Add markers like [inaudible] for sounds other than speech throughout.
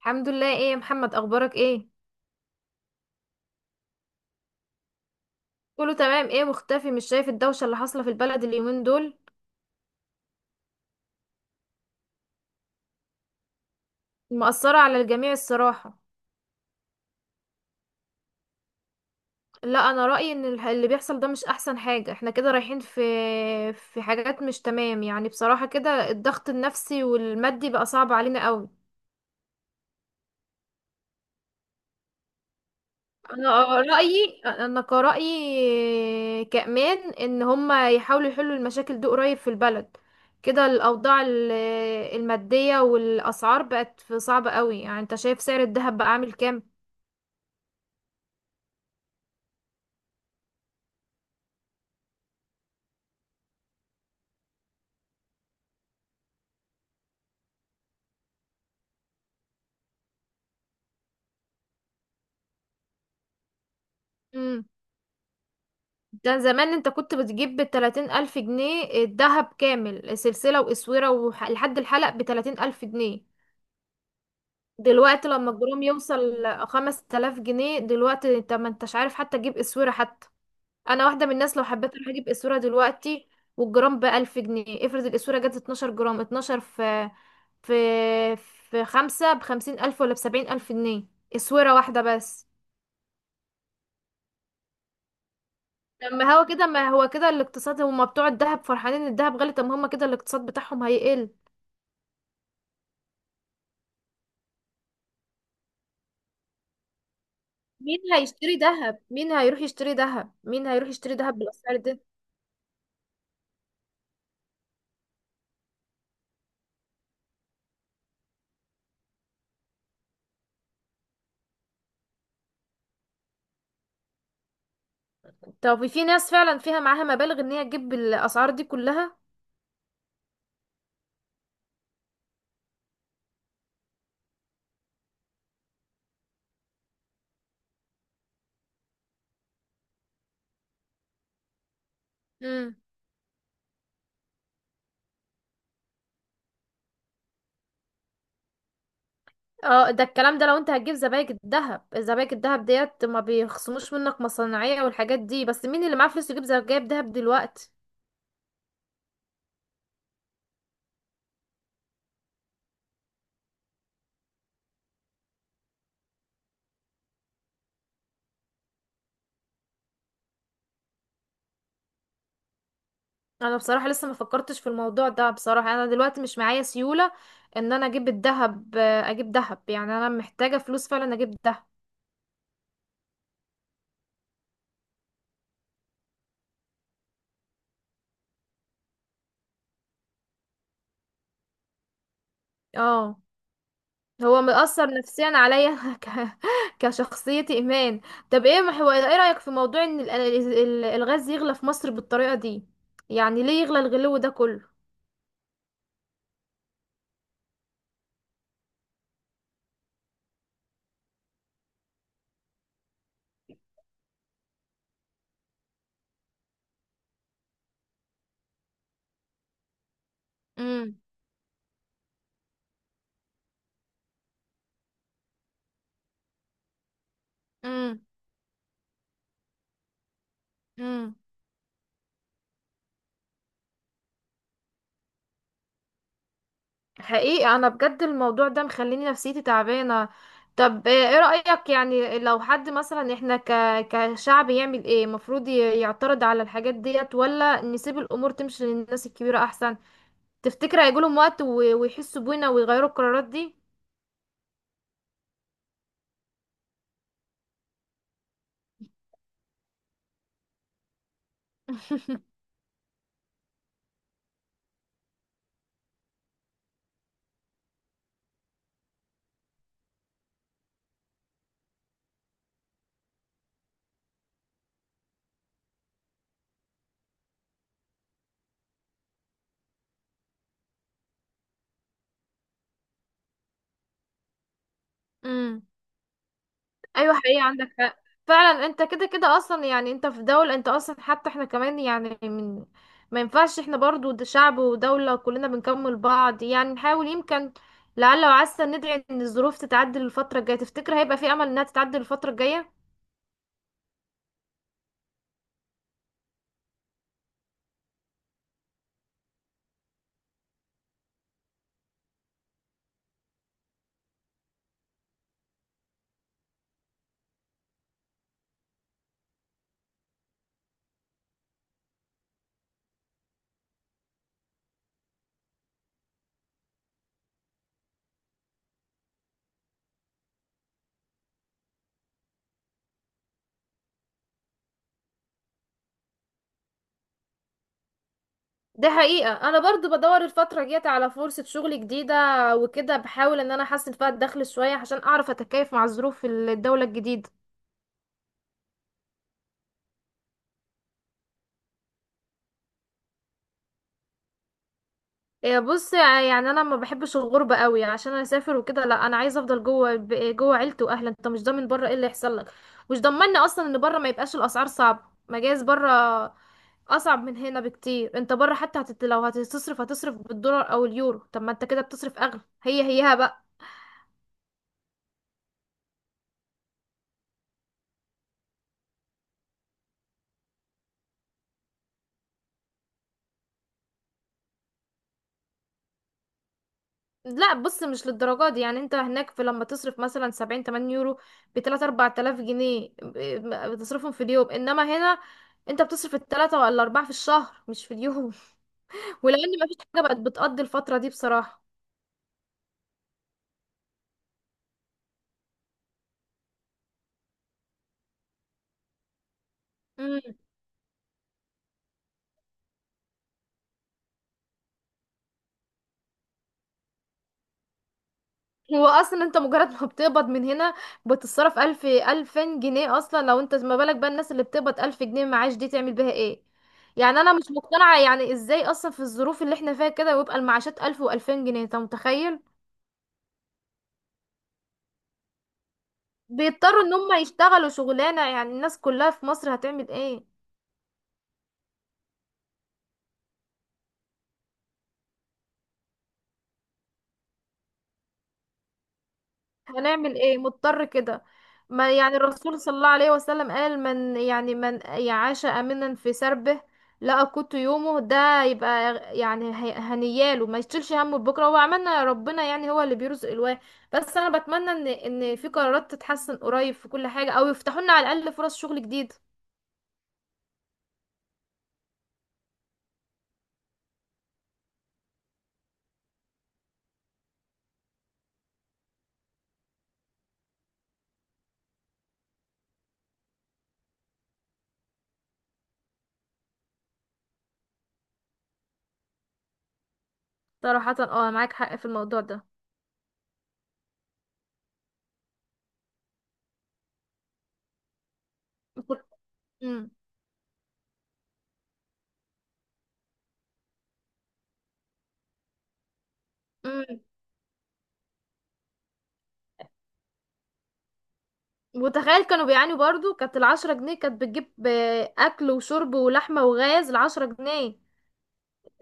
الحمد لله، ايه يا محمد، اخبارك ايه؟ كله تمام. ايه مختفي؟ مش شايف الدوشه اللي حاصله في البلد اليومين دول؟ مأثره على الجميع الصراحه. لا، انا رأيي ان اللي بيحصل ده مش احسن حاجه، احنا كده رايحين في حاجات مش تمام، يعني بصراحه كده الضغط النفسي والمادي بقى صعب علينا قوي. انا رايي، انا كرايي كمان، ان هما يحاولوا يحلوا المشاكل دي قريب في البلد، كده الاوضاع الماديه والاسعار بقت صعبه قوي، يعني انت شايف سعر الذهب بقى عامل كام؟ امم ده زمان انت كنت بتجيب بـ30 الف جنيه الذهب كامل، سلسله واسوره لحد الحلق، بـ30 الف جنيه. دلوقتي لما الجرام يوصل 5 تلاف جنيه، دلوقتي انت ما انتش عارف حتى تجيب اسوره حتى. انا واحده من الناس لو حبيت اروح اجيب اسوره دلوقتي والجرام بألف جنيه، افرض الاسوره جت 12 جرام، 12 في في خمسة بـ50 ألف ولا بـ70 ألف جنيه، اسوره واحده بس. لما هو كده، ما هو كده الاقتصاد، هما بتوع الذهب فرحانين ان الذهب غالي، طب ما هما كده الاقتصاد بتاعهم هيقل. مين هيشتري ذهب؟ مين هيروح يشتري ذهب؟ مين هيروح يشتري ذهب بالاسعار دي؟ طب في ناس فعلا فيها معاها مبالغ ان هي تجيب الاسعار دي كلها؟ اه، ده الكلام ده لو انت هتجيب زبايك الذهب، زبايك الذهب ديت ما بيخصموش منك مصنعية والحاجات دي، بس مين اللي معاه فلوس يجيب زبايك دهب دلوقتي؟ انا بصراحة لسه ما فكرتش في الموضوع ده، بصراحة انا دلوقتي مش معايا سيولة ان انا اجيب الذهب، اجيب ذهب، يعني انا محتاجة فلوس فعلا اجيب ذهب. اه هو مأثر نفسيا عليا [laughs] كشخصيتي ايمان. طب ايه ايه رأيك في موضوع ان الغاز يغلى في مصر بالطريقة دي؟ يعني ليه يغلى الغلو ده كله؟ امم امم حقيقي انا بجد الموضوع ده مخليني نفسيتي تعبانه. طب ايه رأيك، يعني لو حد مثلا، احنا كشعب، يعمل ايه؟ المفروض يعترض على الحاجات ديت ولا نسيب الامور تمشي للناس الكبيره احسن؟ تفتكر هيجيلهم وقت ويحسوا بينا ويغيروا القرارات دي؟ [laughs] امم ايوه، حقيقة عندك حق. فعلا، انت كده كده اصلا، يعني انت في دولة، انت اصلا حتى احنا كمان، يعني ما ينفعش احنا برضو، ده شعب ودولة كلنا بنكمل بعض، يعني نحاول، يمكن لعل وعسى ندعي ان الظروف تتعدل الفترة الجاية. تفتكر هيبقى في امل انها تتعدل الفترة الجاية؟ دي حقيقة، انا برضو بدور الفترة الجاية على فرصة شغل جديدة، وكده بحاول ان انا احسن فيها الدخل شوية عشان اعرف اتكيف مع ظروف الدولة الجديدة. إيه، بص، يعني انا ما بحبش الغربه قوي عشان انا اسافر وكده، لا، انا عايزه افضل جوه، جوه عيلتي واهلي. انت مش ضامن بره ايه اللي يحصل لك، مش ضمني اصلا ان بره ما يبقاش الاسعار صعبه، مجاز بره اصعب من هنا بكتير. انت بره حتى لو هتصرف هتصرف بالدولار او اليورو، طب ما انت كده بتصرف اغلى، هي هيها بقى. لا، بص، مش للدرجه دي، يعني انت هناك لما تصرف مثلا 70 80 يورو ب 3 4000 جنيه، بتصرفهم في اليوم، انما هنا انت بتصرف التلاتة ولا اربعة في الشهر، مش في اليوم. ولان مفيش حاجه بقت بتقضي الفتره دي بصراحه. امم هو اصلا انت مجرد ما بتقبض من هنا بتتصرف الف الفين جنيه اصلا، لو انت ما بالك بقى الناس اللي بتقبض الف جنيه معاش دي تعمل بيها ايه؟ يعني انا مش مقتنعه، يعني ازاي اصلا في الظروف اللي احنا فيها كده ويبقى المعاشات الف والفين جنيه، انت متخيل؟ بيضطروا ان هم يشتغلوا شغلانه، يعني الناس كلها في مصر هتعمل ايه؟ هنعمل ايه، مضطر كده. ما يعني الرسول صلى الله عليه وسلم قال من يعاش امنا في سربه لقى قوت يومه، ده يبقى يعني هنياله، ما يشيلش همه بكره، هو عملنا ربنا، يعني هو اللي بيرزق الواحد. بس انا بتمنى ان في قرارات تتحسن قريب في كل حاجه، او يفتحوا لنا على الاقل فرص شغل جديد. صراحه، معاك حق في الموضوع ده. [laughs] امم امم وتخيل كانوا بيعانوا برضو، كانت 10 جنيه كانت بتجيب أكل وشرب ولحمة وغاز، 10 جنيه.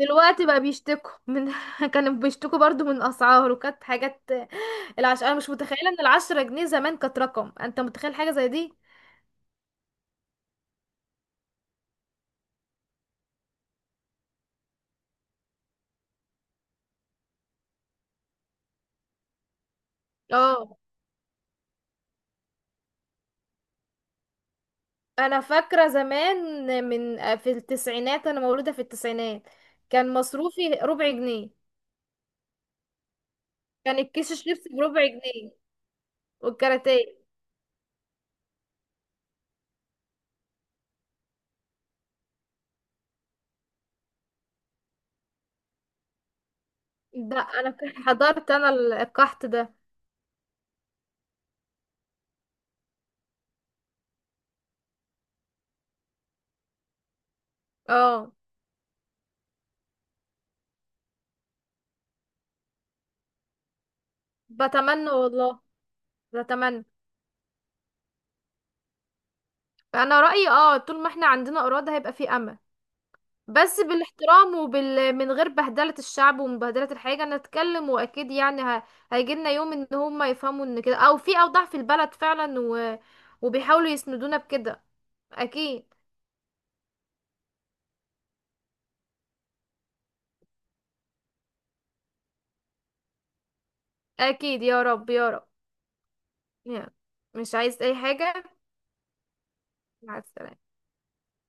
دلوقتي بقى بيشتكوا من [laughs] كانوا بيشتكوا برضو من اسعار، وكانت حاجات. انا مش متخيله ان 10 جنيه زمان كانت رقم، انت متخيل حاجه زي دي؟ اه انا فاكره زمان في التسعينات، انا مولوده في التسعينات. كان مصروفي ربع جنيه، كان الكيس الشيبسي بربع جنيه والكاراتيه. ده انا حضرت انا القحط ده. اه بتمنى والله، بتمنى. فانا رايي، طول ما احنا عندنا اراده هيبقى في امل، بس بالاحترام، من غير بهدلة الشعب ومبهدلة الحاجة نتكلم، وأكيد يعني هيجيلنا يوم إن هما يفهموا إن كده، أو في أوضاع في البلد فعلا وبيحاولوا يسندونا بكده، أكيد. أكيد يا رب، يا رب، يعني مش عايز أي حاجة. مع السلامة.